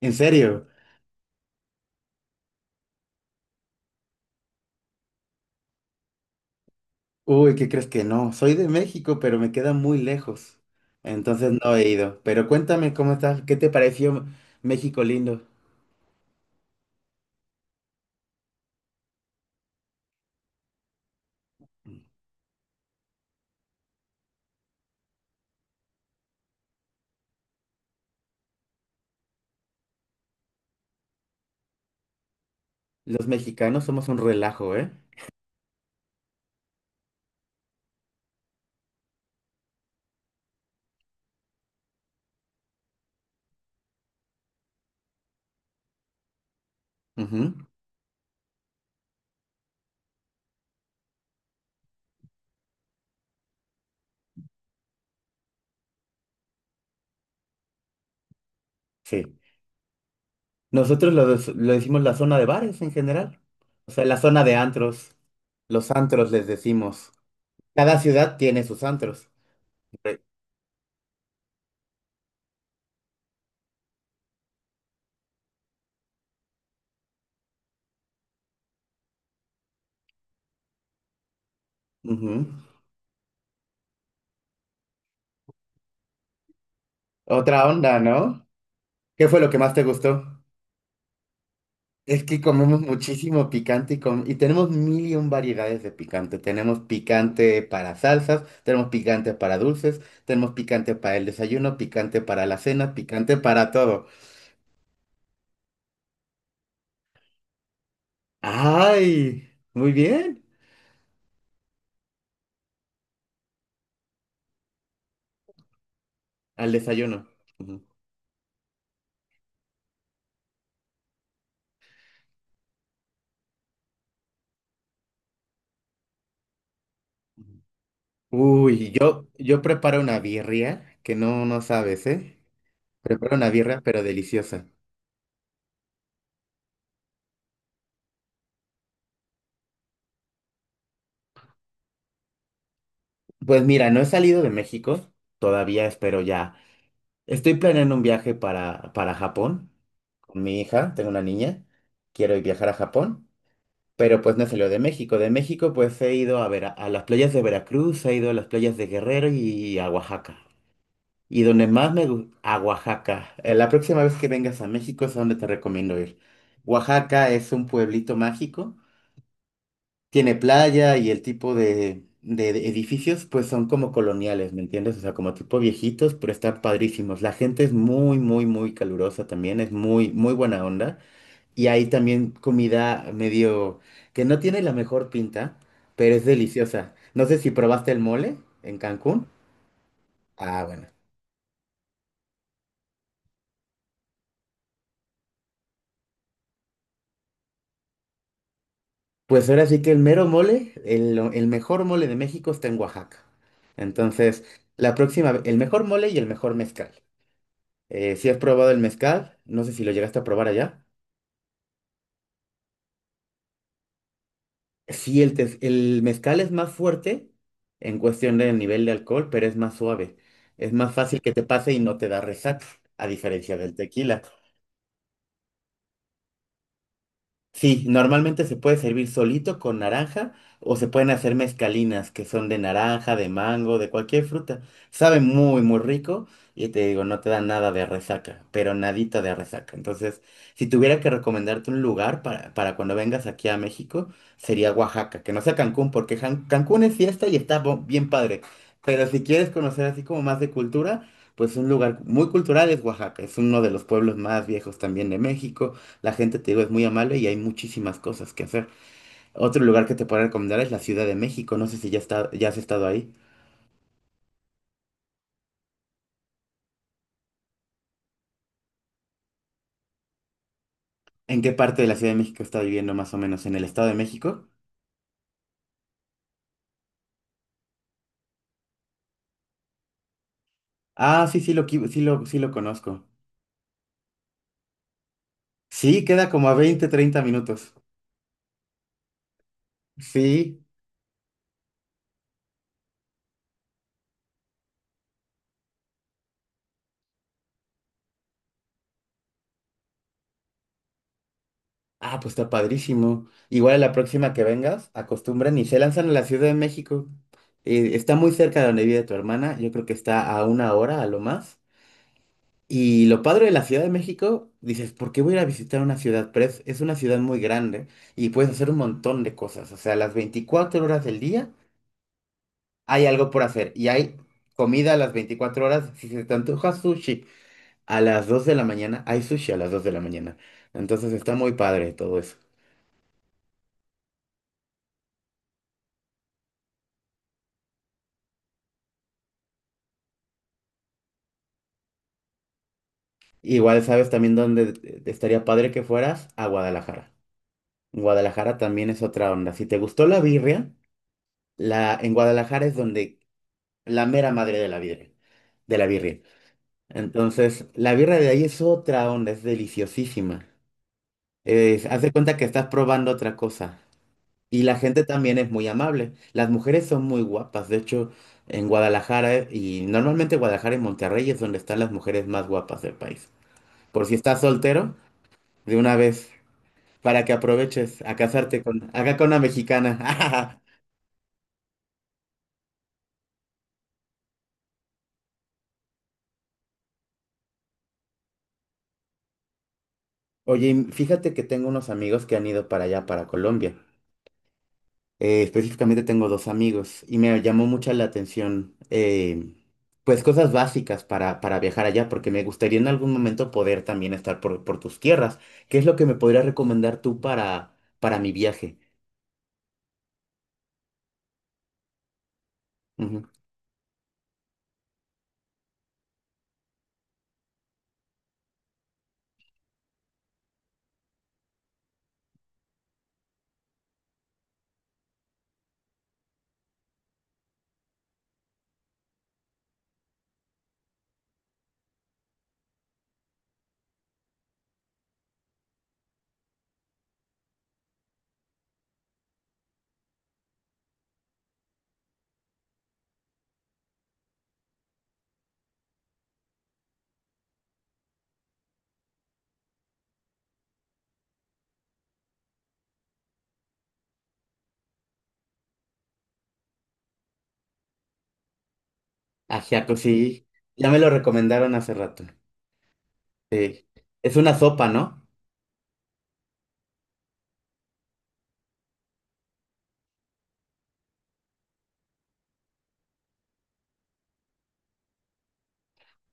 ¿En serio? Uy, ¿qué crees que no? Soy de México, pero me queda muy lejos. Entonces no he ido. Pero cuéntame cómo estás, ¿qué te pareció México lindo? Los mexicanos somos un relajo, ¿eh? Ujú. Sí. Nosotros lo decimos la zona de bares en general. O sea, la zona de antros. Los antros les decimos. Cada ciudad tiene sus antros. Re- Ujú. Otra onda, ¿no? ¿Qué fue lo que más te gustó? Es que comemos muchísimo picante y tenemos mil y un variedades de picante. Tenemos picante para salsas, tenemos picante para dulces, tenemos picante para el desayuno, picante para la cena, picante para todo. ¡Ay! Muy bien. Al desayuno. Ujú. Uy, yo preparo una birria que no, no sabes, ¿eh? Preparo una birria, pero deliciosa. Pues mira, no he salido de México, todavía espero ya. Estoy planeando un viaje para Japón con mi hija, tengo una niña, quiero viajar a Japón, pero pues no salió de México. De México pues he ido a las playas de Veracruz, he ido a las playas de Guerrero y a Oaxaca. Y donde más me gusta, a Oaxaca. La próxima vez que vengas a México es a donde te recomiendo ir. Oaxaca es un pueblito mágico. Tiene playa y el tipo de edificios pues son como coloniales, ¿me entiendes? O sea, como tipo viejitos, pero están padrísimos. La gente es muy, muy, muy calurosa también, es muy, muy buena onda. Y hay también comida medio que no tiene la mejor pinta, pero es deliciosa. No sé si probaste el mole en Cancún. Ah, bueno. Pues ahora sí que el mero mole, el mejor mole de México está en Oaxaca. Entonces, la próxima, el mejor mole y el mejor mezcal. Si has probado el mezcal, no sé si lo llegaste a probar allá. Sí, el mezcal es más fuerte en cuestión del nivel de alcohol, pero es más suave. Es más fácil que te pase y no te da resaca, a diferencia del tequila. Sí, normalmente se puede servir solito con naranja o se pueden hacer mezcalinas que son de naranja, de mango, de cualquier fruta. Sabe muy, muy rico y te digo, no te da nada de resaca, pero nadita de resaca. Entonces, si tuviera que recomendarte un lugar para cuando vengas aquí a México, sería Oaxaca, que no sea Cancún, porque Cancún es fiesta y está bien padre. Pero si quieres conocer así como más de cultura, pues un lugar muy cultural es Oaxaca. Es uno de los pueblos más viejos también de México. La gente, te digo, es muy amable y hay muchísimas cosas que hacer. Otro lugar que te puedo recomendar es la Ciudad de México. No sé si ya has estado ahí. ¿En qué parte de la Ciudad de México está viviendo más o menos? ¿En el Estado de México? Ah, sí, sí lo, qui- sí lo conozco. Sí, queda como a 20, 30 minutos. Sí. Ah, pues está padrísimo. Igual a la próxima que vengas, acostumbran y se lanzan a la Ciudad de México. Está muy cerca de donde vive tu hermana. Yo creo que está a una hora a lo más. Y lo padre de la Ciudad de México, dices, ¿por qué voy a ir a visitar una ciudad? Pero es una ciudad muy grande y puedes hacer un montón de cosas. O sea, las 24 horas del día hay algo por hacer y hay comida a las 24 horas. Si se te antoja sushi a las 2 de la mañana, hay sushi a las 2 de la mañana. Entonces está muy padre todo eso. Igual sabes también dónde estaría padre que fueras a Guadalajara. Guadalajara también es otra onda. Si te gustó la birria, en Guadalajara es donde la mera madre de la birria, de la birria. Entonces, la birra de ahí es otra onda, es deliciosísima. Haz de cuenta que estás probando otra cosa. Y la gente también es muy amable. Las mujeres son muy guapas. De hecho, en Guadalajara, y normalmente Guadalajara y Monterrey es donde están las mujeres más guapas del país. Por si estás soltero, de una vez, para que aproveches a casarte acá con una mexicana. Oye, y fíjate que tengo unos amigos que han ido para allá, para Colombia. Específicamente tengo dos amigos y me llamó mucha la atención, pues cosas básicas para viajar allá, porque me gustaría en algún momento poder también estar por tus tierras. ¿Qué es lo que me podrías recomendar tú para mi viaje? Ujú. Ajiaco, sí, ya me lo recomendaron hace rato. Es una sopa, ¿no?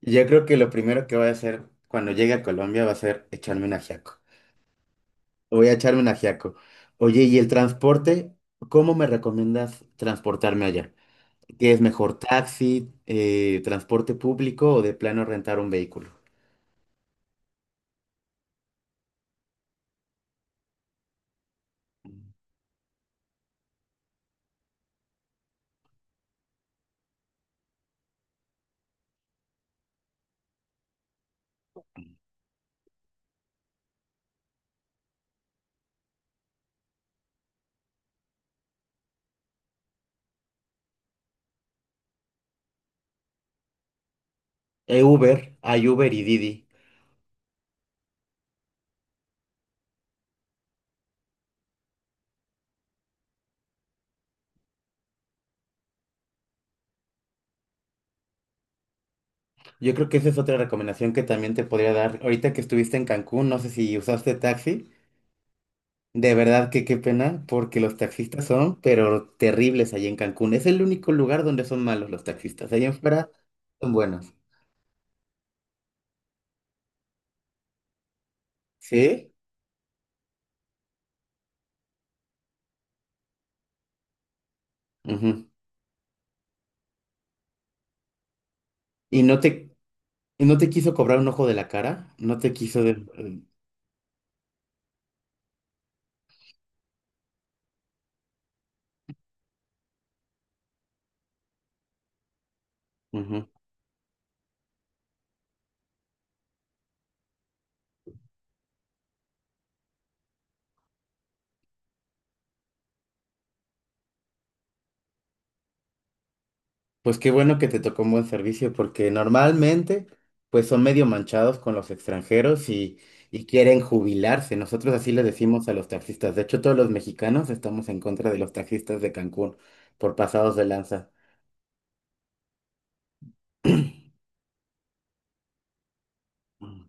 Yo creo que lo primero que voy a hacer cuando llegue a Colombia va a ser echarme un ajiaco. Voy a echarme un ajiaco. Oye, ¿y el transporte? ¿Cómo me recomiendas transportarme allá? ¿Qué es mejor, taxi, transporte público o de plano rentar un vehículo? Uber, hay Uber y Didi. Yo creo que esa es otra recomendación que también te podría dar. Ahorita que estuviste en Cancún, no sé si usaste taxi. De verdad que qué pena, porque los taxistas son, pero terribles allí en Cancún. Es el único lugar donde son malos los taxistas. Allá en fuera son buenos. ¿Sí? Ujú. Y no te, y no te quiso cobrar un ojo de la cara, no te quiso. Ujú. Pues qué bueno que te tocó un buen servicio, porque normalmente pues son medio manchados con los extranjeros y quieren jubilarse. Nosotros así le decimos a los taxistas. De hecho, todos los mexicanos estamos en contra de los taxistas de Cancún por pasados de lanza. Mm.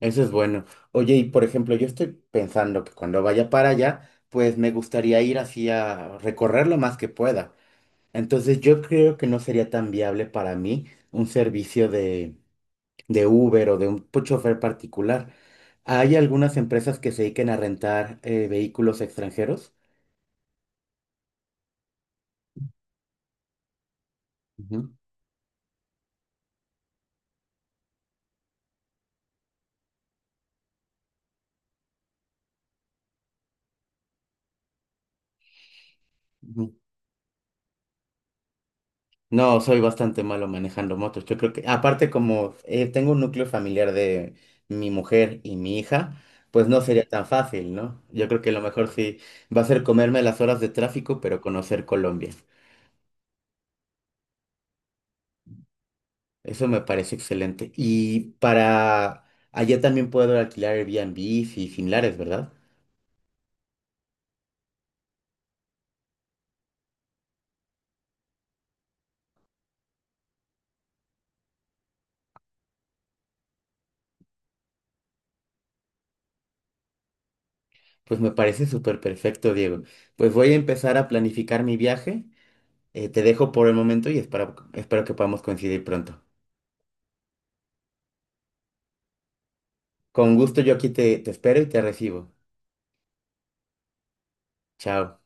Eso es bueno. Oye, y por ejemplo, yo estoy pensando que cuando vaya para allá, pues me gustaría ir así a recorrer lo más que pueda. Entonces yo creo que no sería tan viable para mí un servicio de Uber o de un chofer particular. Hay algunas empresas que se dediquen a rentar vehículos extranjeros. Ujú. Ujú. No, soy bastante malo manejando motos. Yo creo que, aparte como tengo un núcleo familiar de mi mujer y mi hija, pues no sería tan fácil, ¿no? Yo creo que lo mejor sí va a ser comerme las horas de tráfico, pero conocer Colombia. Eso me parece excelente. Y para allá también puedo alquilar Airbnb y similares, ¿verdad? Pues me parece súper perfecto, Diego. Pues voy a empezar a planificar mi viaje. Te dejo por el momento y espero que podamos coincidir pronto. Con gusto yo aquí te espero y te recibo. Chao.